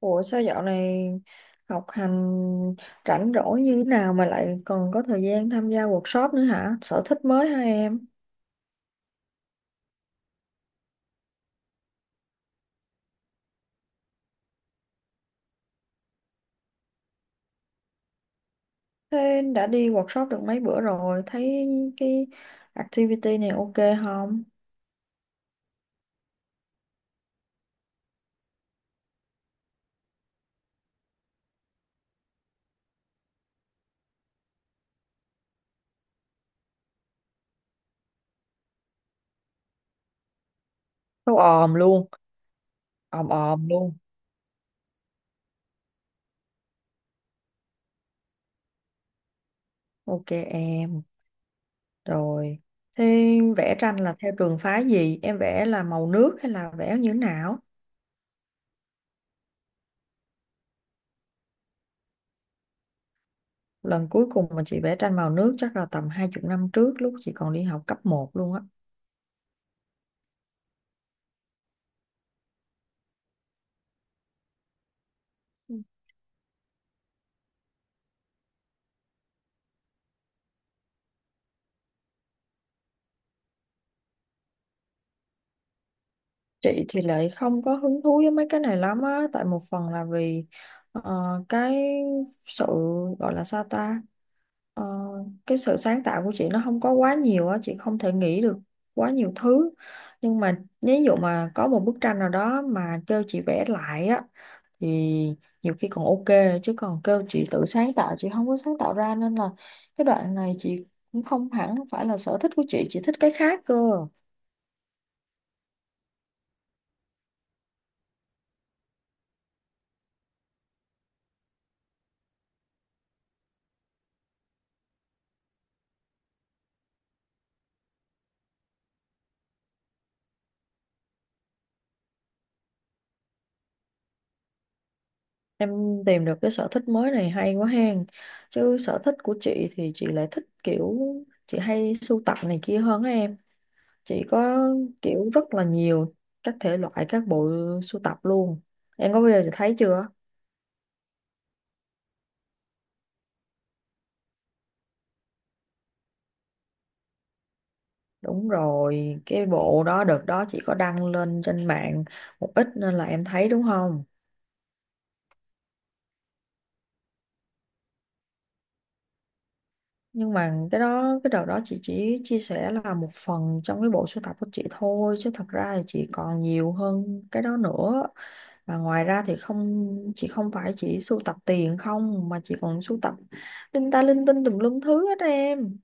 Ủa sao dạo này học hành rảnh rỗi như thế nào mà lại còn có thời gian tham gia workshop nữa hả? Sở thích mới hả em? Thế đã đi workshop được mấy bữa rồi, thấy cái activity này ok không? Đâu òm luôn, òm òm luôn. Ok em, rồi. Thế vẽ tranh là theo trường phái gì? Em vẽ là màu nước hay là vẽ như thế nào? Lần cuối cùng mà chị vẽ tranh màu nước chắc là tầm hai chục năm trước lúc chị còn đi học cấp một luôn á. Chị thì lại không có hứng thú với mấy cái này lắm á, tại một phần là vì ờ, cái sự gọi là sao ta, Ờ, cái sự sáng tạo của chị nó không có quá nhiều á, chị không thể nghĩ được quá nhiều thứ. Nhưng mà ví dụ mà có một bức tranh nào đó mà kêu chị vẽ lại á, thì nhiều khi còn ok, chứ còn kêu chị tự sáng tạo, chị không có sáng tạo ra nên là cái đoạn này chị cũng không hẳn phải là sở thích của chị thích cái khác cơ. Em tìm được cái sở thích mới này hay quá hen. Chứ sở thích của chị thì chị lại thích kiểu chị hay sưu tập này kia hơn á em. Chị có kiểu rất là nhiều các thể loại, các bộ sưu tập luôn. Em có bao giờ chị thấy chưa? Đúng rồi, cái bộ đó đợt đó chị có đăng lên trên mạng một ít nên là em thấy đúng không? Nhưng mà cái đó cái đợt đó chị chỉ chia sẻ là một phần trong cái bộ sưu tập của chị thôi chứ thật ra thì chị còn nhiều hơn cái đó nữa. Và ngoài ra thì không, chị không phải chỉ sưu tập tiền không mà chị còn sưu tập linh ta linh tinh tùm lum thứ hết em.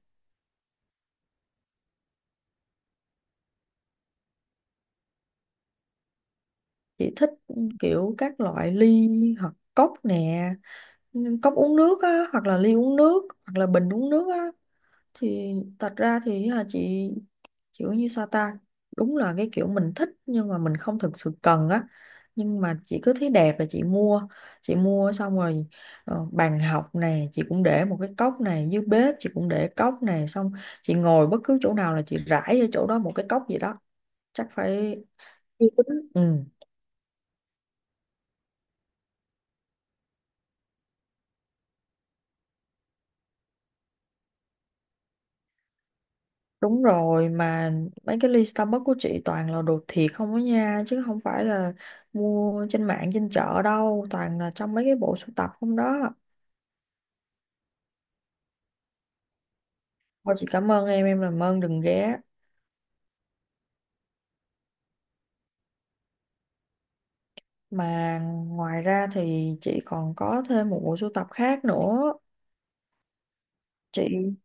Chị thích kiểu các loại ly hoặc cốc nè, cốc uống nước á, hoặc là ly uống nước, hoặc là bình uống nước á. Thì thật ra thì à, chị kiểu như sao ta, đúng là cái kiểu mình thích nhưng mà mình không thực sự cần á, nhưng mà chị cứ thấy đẹp là chị mua. Chị mua xong rồi bàn học này chị cũng để một cái cốc, này dưới bếp chị cũng để cốc, này xong chị ngồi bất cứ chỗ nào là chị rải ở chỗ đó một cái cốc gì đó. Chắc phải uy tín ừ. Đúng rồi, mà mấy cái ly Starbucks của chị toàn là đồ thiệt không á nha, chứ không phải là mua trên mạng trên chợ đâu, toàn là trong mấy cái bộ sưu tập không đó. Thôi chị cảm ơn em làm ơn đừng ghé. Mà ngoài ra thì chị còn có thêm một bộ sưu tập khác nữa. Chị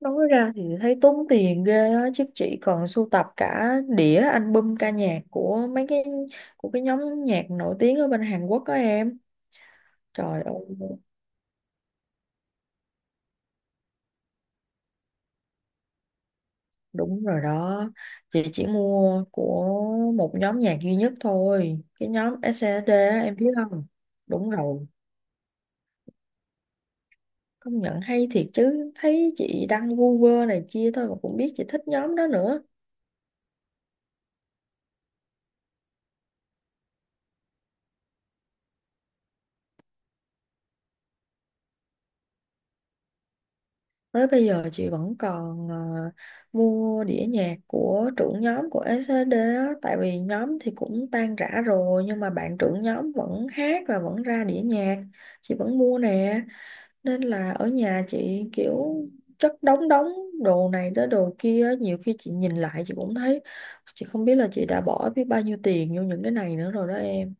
nói ra thì thấy tốn tiền ghê á, chứ chị còn sưu tập cả đĩa album ca nhạc của mấy cái, của cái nhóm nhạc nổi tiếng ở bên Hàn Quốc đó em. Trời ơi. Đúng rồi đó, chị chỉ mua của một nhóm nhạc duy nhất thôi, cái nhóm SNSD á, em biết không? Đúng rồi, công nhận hay thiệt chứ, thấy chị đăng vu vơ này kia thôi mà cũng biết chị thích nhóm đó nữa. Tới bây giờ chị vẫn còn mua đĩa nhạc của trưởng nhóm của SNSD á, tại vì nhóm thì cũng tan rã rồi nhưng mà bạn trưởng nhóm vẫn hát và vẫn ra đĩa nhạc, chị vẫn mua nè. Nên là ở nhà chị kiểu chất đống, đống đồ này tới đồ kia á, nhiều khi chị nhìn lại chị cũng thấy chị không biết là chị đã bỏ biết bao nhiêu tiền vô những cái này nữa rồi đó em.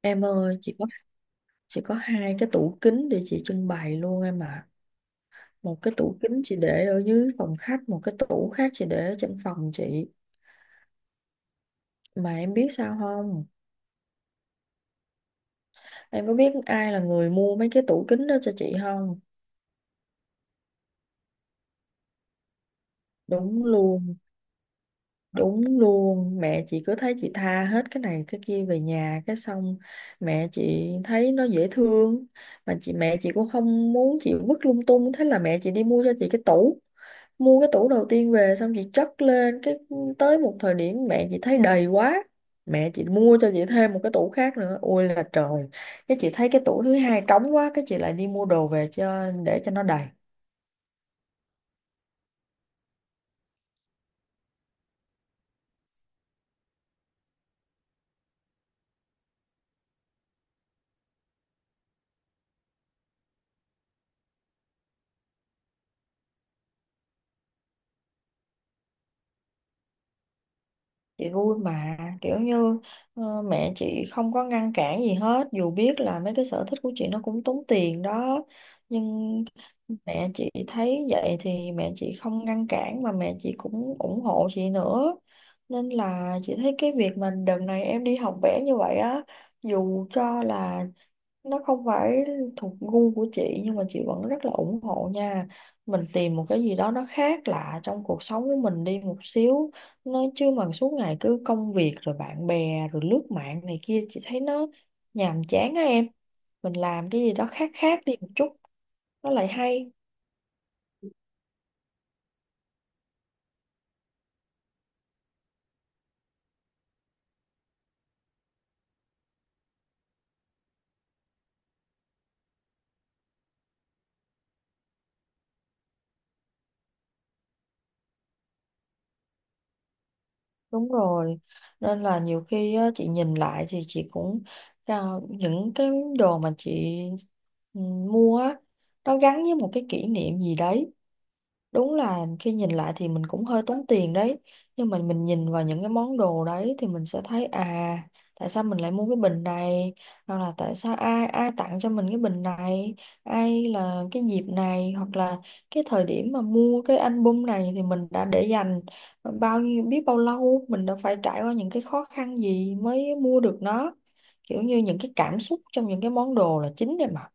Em ơi chị có, chị có hai cái tủ kính để chị trưng bày luôn em ạ. Một cái tủ kính chị để ở dưới phòng khách, một cái tủ khác chị để ở trên phòng chị. Mà em biết sao không, em có biết ai là người mua mấy cái tủ kính đó cho chị không? Đúng luôn. Đúng luôn, mẹ chị cứ thấy chị tha hết cái này cái kia về nhà, cái xong mẹ chị thấy nó dễ thương, mà mẹ chị cũng không muốn chị vứt lung tung, thế là mẹ chị đi mua cho chị cái tủ. Mua cái tủ đầu tiên về xong chị chất lên, cái tới một thời điểm mẹ chị thấy đầy quá, mẹ chị mua cho chị thêm một cái tủ khác nữa. Ôi là trời, cái chị thấy cái tủ thứ hai trống quá, cái chị lại đi mua đồ về cho, để cho nó đầy. Chị vui mà, kiểu như mẹ chị không có ngăn cản gì hết dù biết là mấy cái sở thích của chị nó cũng tốn tiền đó, nhưng mẹ chị thấy vậy thì mẹ chị không ngăn cản mà mẹ chị cũng ủng hộ chị nữa. Nên là chị thấy cái việc mà đợt này em đi học vẽ như vậy á, dù cho là nó không phải thuộc gu của chị nhưng mà chị vẫn rất là ủng hộ nha. Mình tìm một cái gì đó nó khác lạ trong cuộc sống của mình đi một xíu, nó chứ mà suốt ngày cứ công việc rồi bạn bè rồi lướt mạng này kia chị thấy nó nhàm chán á em. Mình làm cái gì đó khác khác đi một chút nó lại hay. Đúng rồi, nên là nhiều khi á, chị nhìn lại thì chị cũng à, những cái đồ mà chị mua á, nó gắn với một cái kỷ niệm gì đấy. Đúng là khi nhìn lại thì mình cũng hơi tốn tiền đấy, nhưng mà mình nhìn vào những cái món đồ đấy thì mình sẽ thấy à, tại sao mình lại mua cái bình này, hoặc là tại sao ai ai tặng cho mình cái bình này, ai là cái dịp này, hoặc là cái thời điểm mà mua cái album này, thì mình đã để dành bao nhiêu, biết bao lâu, mình đã phải trải qua những cái khó khăn gì mới mua được nó. Kiểu như những cái cảm xúc trong những cái món đồ là chính đấy mà.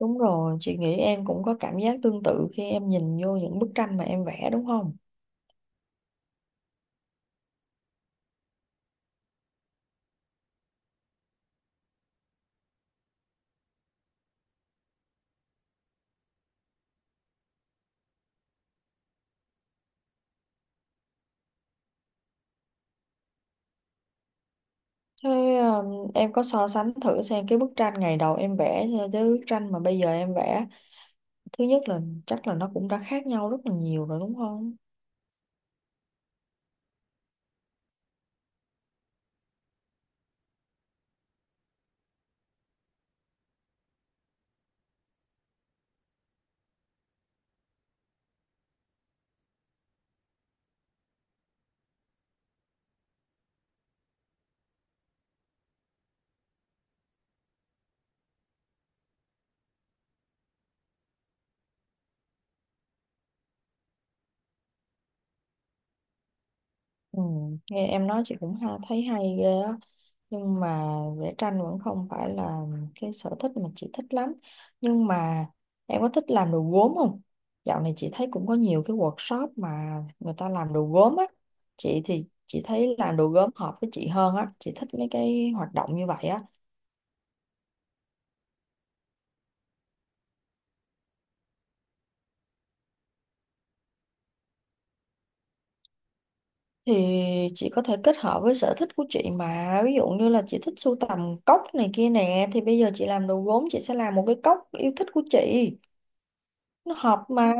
Đúng rồi, chị nghĩ em cũng có cảm giác tương tự khi em nhìn vô những bức tranh mà em vẽ đúng không? Thế em có so sánh thử xem cái bức tranh ngày đầu em vẽ so với bức tranh mà bây giờ em vẽ. Thứ nhất là chắc là nó cũng đã khác nhau rất là nhiều rồi đúng không? Ừ, nghe em nói chị cũng ha, thấy hay ghê á. Nhưng mà vẽ tranh vẫn không phải là cái sở thích mà chị thích lắm. Nhưng mà em có thích làm đồ gốm không? Dạo này chị thấy cũng có nhiều cái workshop mà người ta làm đồ gốm á, chị thì chị thấy làm đồ gốm hợp với chị hơn á, chị thích mấy cái hoạt động như vậy á. Thì chị có thể kết hợp với sở thích của chị mà, ví dụ như là chị thích sưu tầm cốc này kia nè, thì bây giờ chị làm đồ gốm chị sẽ làm một cái cốc yêu thích của chị, nó hợp mà.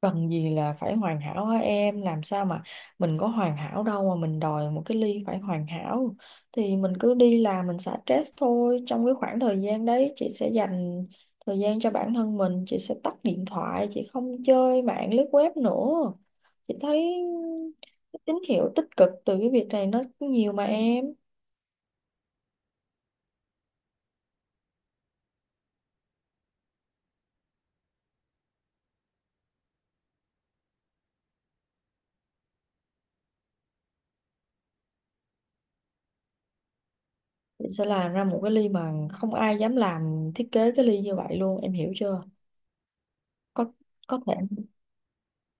Cần gì là phải hoàn hảo hả em, làm sao mà mình có hoàn hảo đâu mà mình đòi một cái ly phải hoàn hảo. Thì mình cứ đi làm mình xả stress thôi, trong cái khoảng thời gian đấy chị sẽ dành thời gian cho bản thân mình, chị sẽ tắt điện thoại, chị không chơi mạng lướt web nữa. Chị thấy cái tín hiệu tích cực từ cái việc này nó nhiều mà em. Chị sẽ làm ra một cái ly mà không ai dám làm, thiết kế cái ly như vậy luôn, em hiểu chưa? Có, có thể,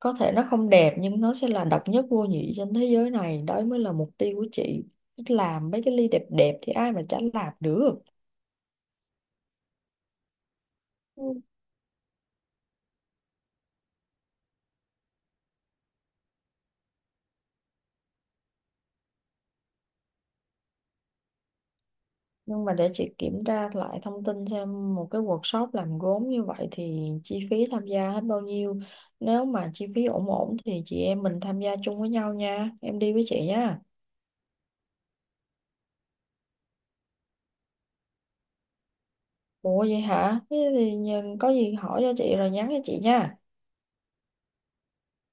có thể nó không đẹp nhưng nó sẽ là độc nhất vô nhị trên thế giới này, đó mới là mục tiêu của chị. Làm mấy cái ly đẹp đẹp thì ai mà chả làm được. Ừ. Nhưng mà để chị kiểm tra lại thông tin xem một cái workshop làm gốm như vậy thì chi phí tham gia hết bao nhiêu, nếu mà chi phí ổn ổn thì chị em mình tham gia chung với nhau nha, em đi với chị nha. Ủa vậy hả, thế thì có gì hỏi cho chị rồi nhắn cho chị nha.